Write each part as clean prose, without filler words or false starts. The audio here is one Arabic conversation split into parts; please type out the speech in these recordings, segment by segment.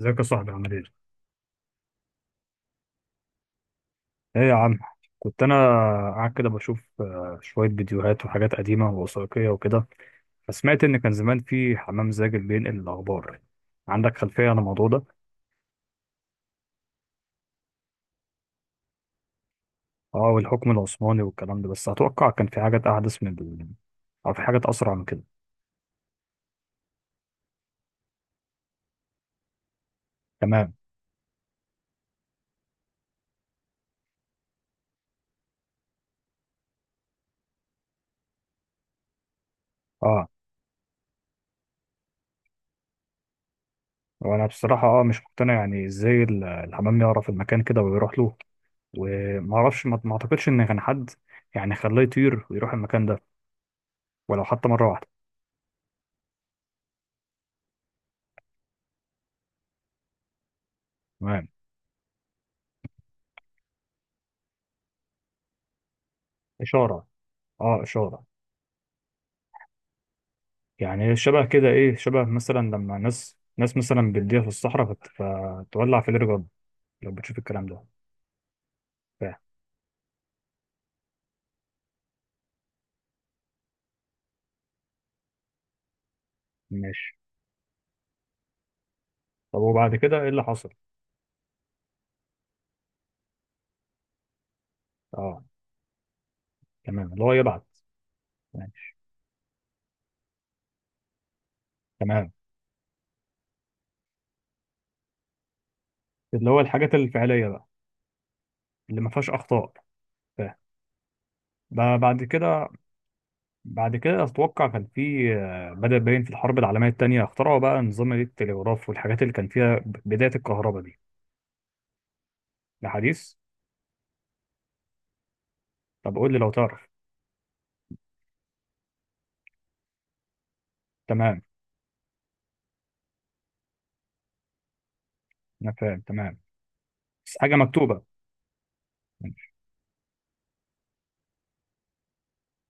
ازيك يا صاحبي، عامل ايه؟ ايه يا عم، كنت انا قاعد كده بشوف شوية فيديوهات وحاجات قديمة ووثائقية وكده. فسمعت ان كان زمان في حمام زاجل بينقل الاخبار. عندك خلفية عن الموضوع ده؟ اه، والحكم العثماني والكلام ده، بس اتوقع كان في حاجات احدث من او في حاجات اسرع من كده. تمام. اه، وانا بصراحة اه مش مقتنع، يعني ازاي الحمام يعرف المكان كده ويروح له؟ وما اعرفش، ما اعتقدش ان كان حد يعني خلاه يطير ويروح المكان ده، ولو حتى مرة واحدة. تمام. إشارة. اه، اشاره. يعني شبه كده، ايه شبه مثلا لما ناس مثلا بتضيع في الصحراء فتولع في الرجل لو بتشوف الكلام ده. فاهم. ماشي. طب وبعد كده ايه اللي حصل؟ اه. تمام، اللي هو يبعت. ماشي. تمام، اللي هو الحاجات الفعليه بقى، اللي ما فيهاش اخطاء. فاهم. بعد كده. بعد كده اتوقع كان في بدأ باين في الحرب العالميه الثانيه اخترعوا بقى نظام التلغراف والحاجات اللي كان فيها بدايه الكهرباء دي. ده حديث. طب قول لي لو تعرف. تمام. انا فاهم تمام، بس حاجه مكتوبه.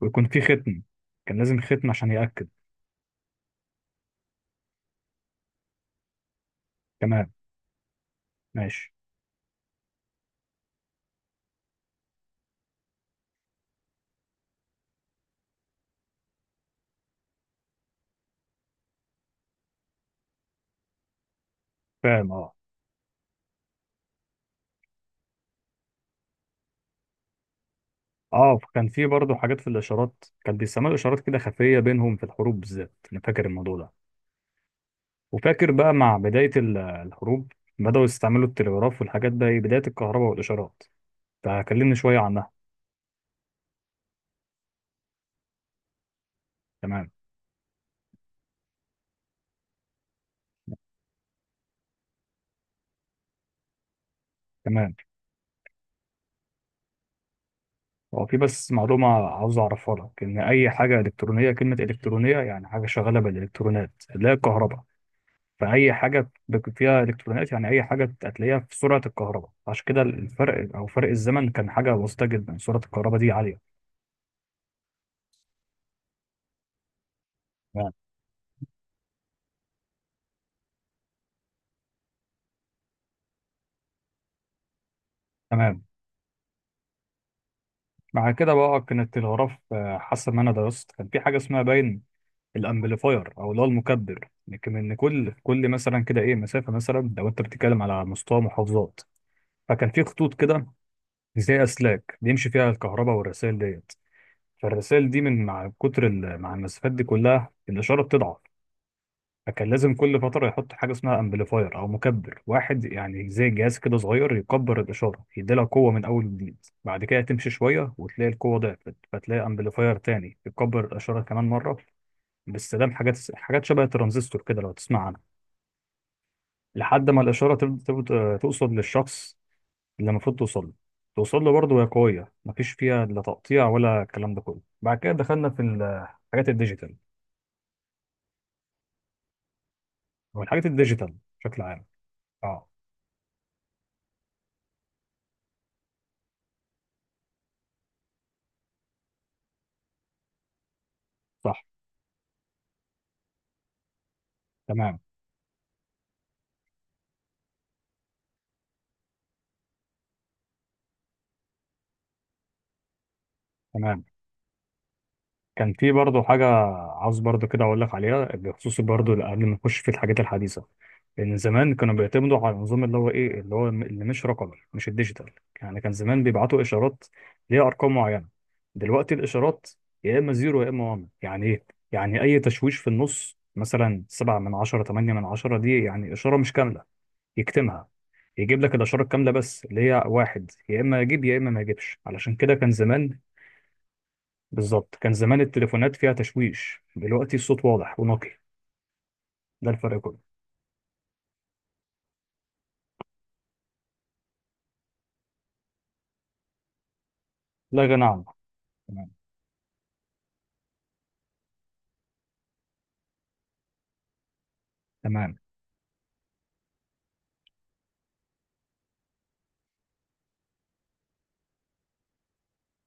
ويكون في ختم، كان لازم ختم عشان يأكد. تمام. ماشي. فاهم. اه. اه، كان في برضه حاجات في الاشارات، كان بيستعملوا اشارات كده خفيه بينهم في الحروب بالذات، انا فاكر الموضوع ده. وفاكر بقى مع بدايه الحروب بداوا يستعملوا التلغراف والحاجات ده، بدايه الكهرباء والاشارات. فكلمني شويه عنها. تمام. تمام. هو في بس معلومه عاوز اعرفها لك، ان اي حاجه الكترونيه، كلمه الكترونيه يعني حاجه شغاله بالالكترونات اللي هي الكهرباء. فأي حاجة فيها إلكترونيات، يعني أي حاجة هتلاقيها في سرعة الكهرباء. عشان كده الفرق أو فرق الزمن كان حاجة بسيطة جدا، سرعة الكهرباء دي عالية. تمام. تمام. مع كده بقى كانت الغرف حاسة إن أنا درست كان في حاجة اسمها باين الأمبليفاير، أو اللي هو المكبر. لكن إن كل مثلا كده إيه، مسافة مثلا لو أنت بتتكلم على مستوى محافظات، فكان في خطوط كده زي أسلاك بيمشي فيها الكهرباء والرسائل ديت. فالرسائل دي من مع كتر مع المسافات دي كلها الإشارة بتضعف. فكان لازم كل فترة يحط حاجة اسمها امبليفاير أو مكبر واحد، يعني زي جهاز كده صغير يكبر الإشارة، يديلها قوة من أول وجديد. بعد كده تمشي شوية وتلاقي القوة ضعفت، فتلاقي امبليفاير تاني يكبر الإشارة كمان مرة، باستخدام حاجات شبه الترانزستور كده لو تسمع عنها. لحد ما الإشارة توصل للشخص اللي المفروض توصل له، توصل له برضه وهي قوية، مفيش فيها لا تقطيع ولا الكلام ده كله. بعد كده دخلنا في الحاجات الديجيتال، أو الحاجات الديجيتال بشكل عام. اه. صح. تمام. تمام. كان في برضه حاجة عاوز برضه كده أقول لك عليها بخصوص برضه قبل ما نخش في الحاجات الحديثة. لأن زمان كانوا بيعتمدوا على النظام اللي هو إيه اللي هو اللي مش رقمي، مش الديجيتال. يعني كان زمان بيبعتوا إشارات ليها أرقام معينة. دلوقتي الإشارات يا إما زيرو يا إما وان. يعني إيه؟ يعني أي تشويش في النص مثلا، سبعة من عشرة، تمانية من عشرة، دي يعني إشارة مش كاملة، يكتمها، يجيب لك الإشارة الكاملة بس اللي هي واحد، يا إما يجيب يا إما ما يجيبش. علشان كده كان زمان. بالظبط، كان زمان التليفونات فيها تشويش، دلوقتي الصوت واضح ونقي، ده الفرق كله. لا غنى عنه. تمام. تمام.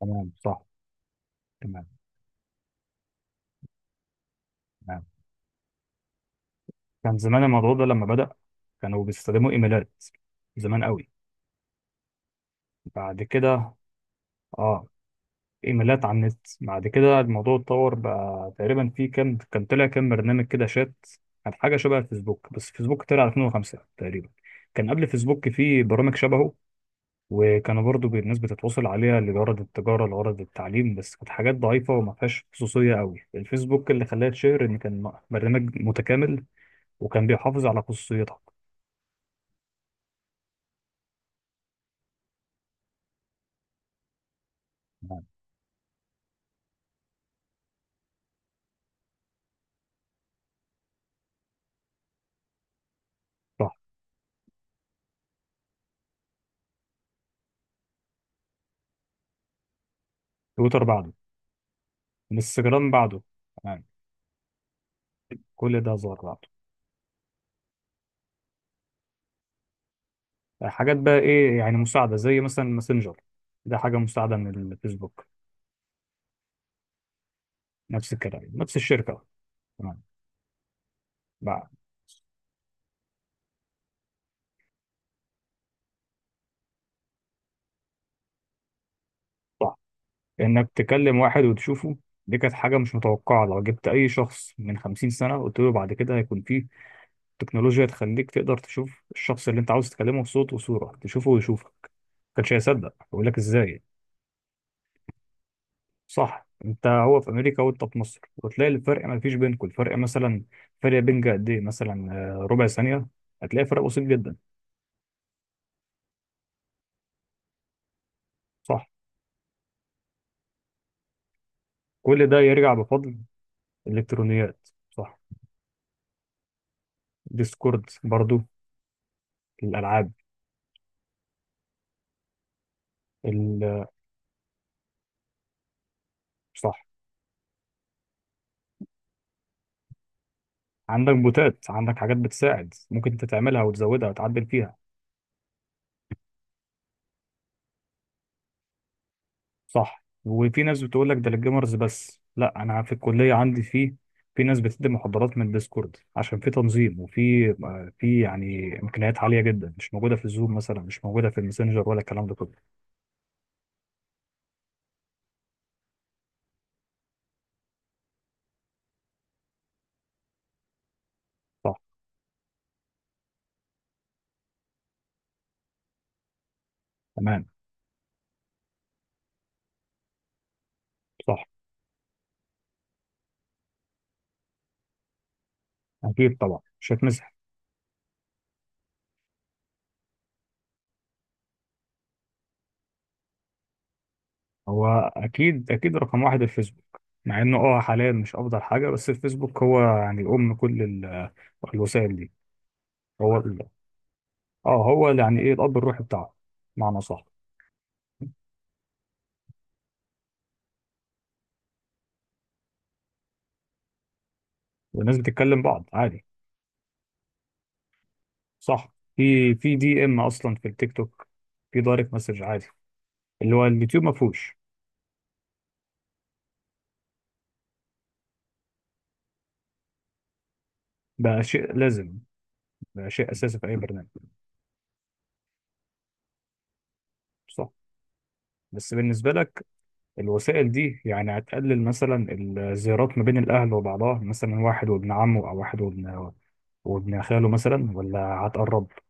تمام. صح. تمام. تمام، كان زمان الموضوع ده لما بدأ كانوا بيستخدموا ايميلات زمان قوي. بعد كده اه ايميلات على النت. بعد كده الموضوع اتطور بقى، تقريبا في كام، كان طلع كام برنامج كده شات، كان حاجه شبه الفيسبوك، بس فيسبوك طلع 2005 تقريبا. كان قبل فيسبوك في برامج شبهه، وكانوا برضو الناس بتتواصل عليها لغرض التجارة، لغرض التعليم، بس كانت حاجات ضعيفة وما فيهاش خصوصية قوي. الفيسبوك اللي خلاها تشهر إن كان برنامج متكامل وكان بيحافظ على خصوصيتك. تمام. صح. تويتر بعده. انستجرام بعده. تمام. كل ده ظهر بعده. حاجات بقى إيه يعني مساعدة زي مثلا ماسنجر، ده حاجة مساعدة من الفيسبوك. نفس الكلام، نفس الشركة. تمام. بقى. انك تكلم واحد وتشوفه، دي كانت حاجة مش متوقعة. لو جبت أي شخص من 50 سنة قلت له بعد كده هيكون فيه تكنولوجيا تخليك تقدر تشوف الشخص اللي أنت عاوز تكلمه بصوت وصورة، تشوفه ويشوفك، كانش هيصدق، يقول لك إزاي. صح، أنت هو في أمريكا وأنت في مصر، وتلاقي الفرق ما فيش بينكم، الفرق مثلا، فرق بينك قد إيه مثلا، ربع ثانية، هتلاقي فرق بسيط جدا. صح. كل ده يرجع بفضل الإلكترونيات. صح. ديسكورد برضو. الألعاب. ال- صح. عندك بوتات، عندك حاجات بتساعد ممكن انت تعملها وتزودها وتعدل فيها. صح، وفي ناس بتقول لك ده للجيمرز بس، لا، انا في الكليه عندي فيه. في ناس بتدي محاضرات من ديسكورد، عشان في تنظيم وفي في يعني امكانيات عاليه جدا مش موجوده في الزوم مثلا، مش موجوده في الماسنجر ولا الكلام ده كله. صح. تمام. صح. اكيد طبعا مش هتمسح. هو اكيد اكيد رقم واحد الفيسبوك، مع انه اه حاليا مش افضل حاجه، بس الفيسبوك هو يعني ام كل الوسائل دي. هو اه، هو يعني ايه الاب الروحي بتاعه، معنى صح. والناس بتتكلم بعض عادي. صح، في دي ام اصلا في التيك توك، في دايركت مسج عادي، اللي هو اليوتيوب ما فيهوش. بقى شيء لازم، بقى شيء اساسي في اي برنامج. صح. بس بالنسبه لك الوسائل دي يعني هتقلل مثلا الزيارات ما بين الاهل وبعضها مثلا، واحد وابن عمه، او واحد وابن وابن خاله مثلا، ولا هتقربها؟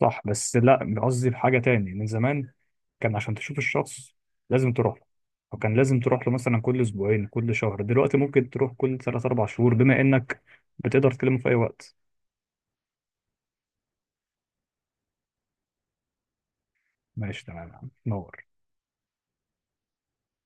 صح، بس لا، قصدي بحاجة تاني من زمان. كان عشان تشوف الشخص لازم تروح له، وكان لازم تروح له مثلا كل اسبوعين، كل شهر. دلوقتي ممكن تروح كل ثلاث اربع شهور، بما انك بتقدر تكلمه في اي وقت. ماشي، تمام يا عم. نور.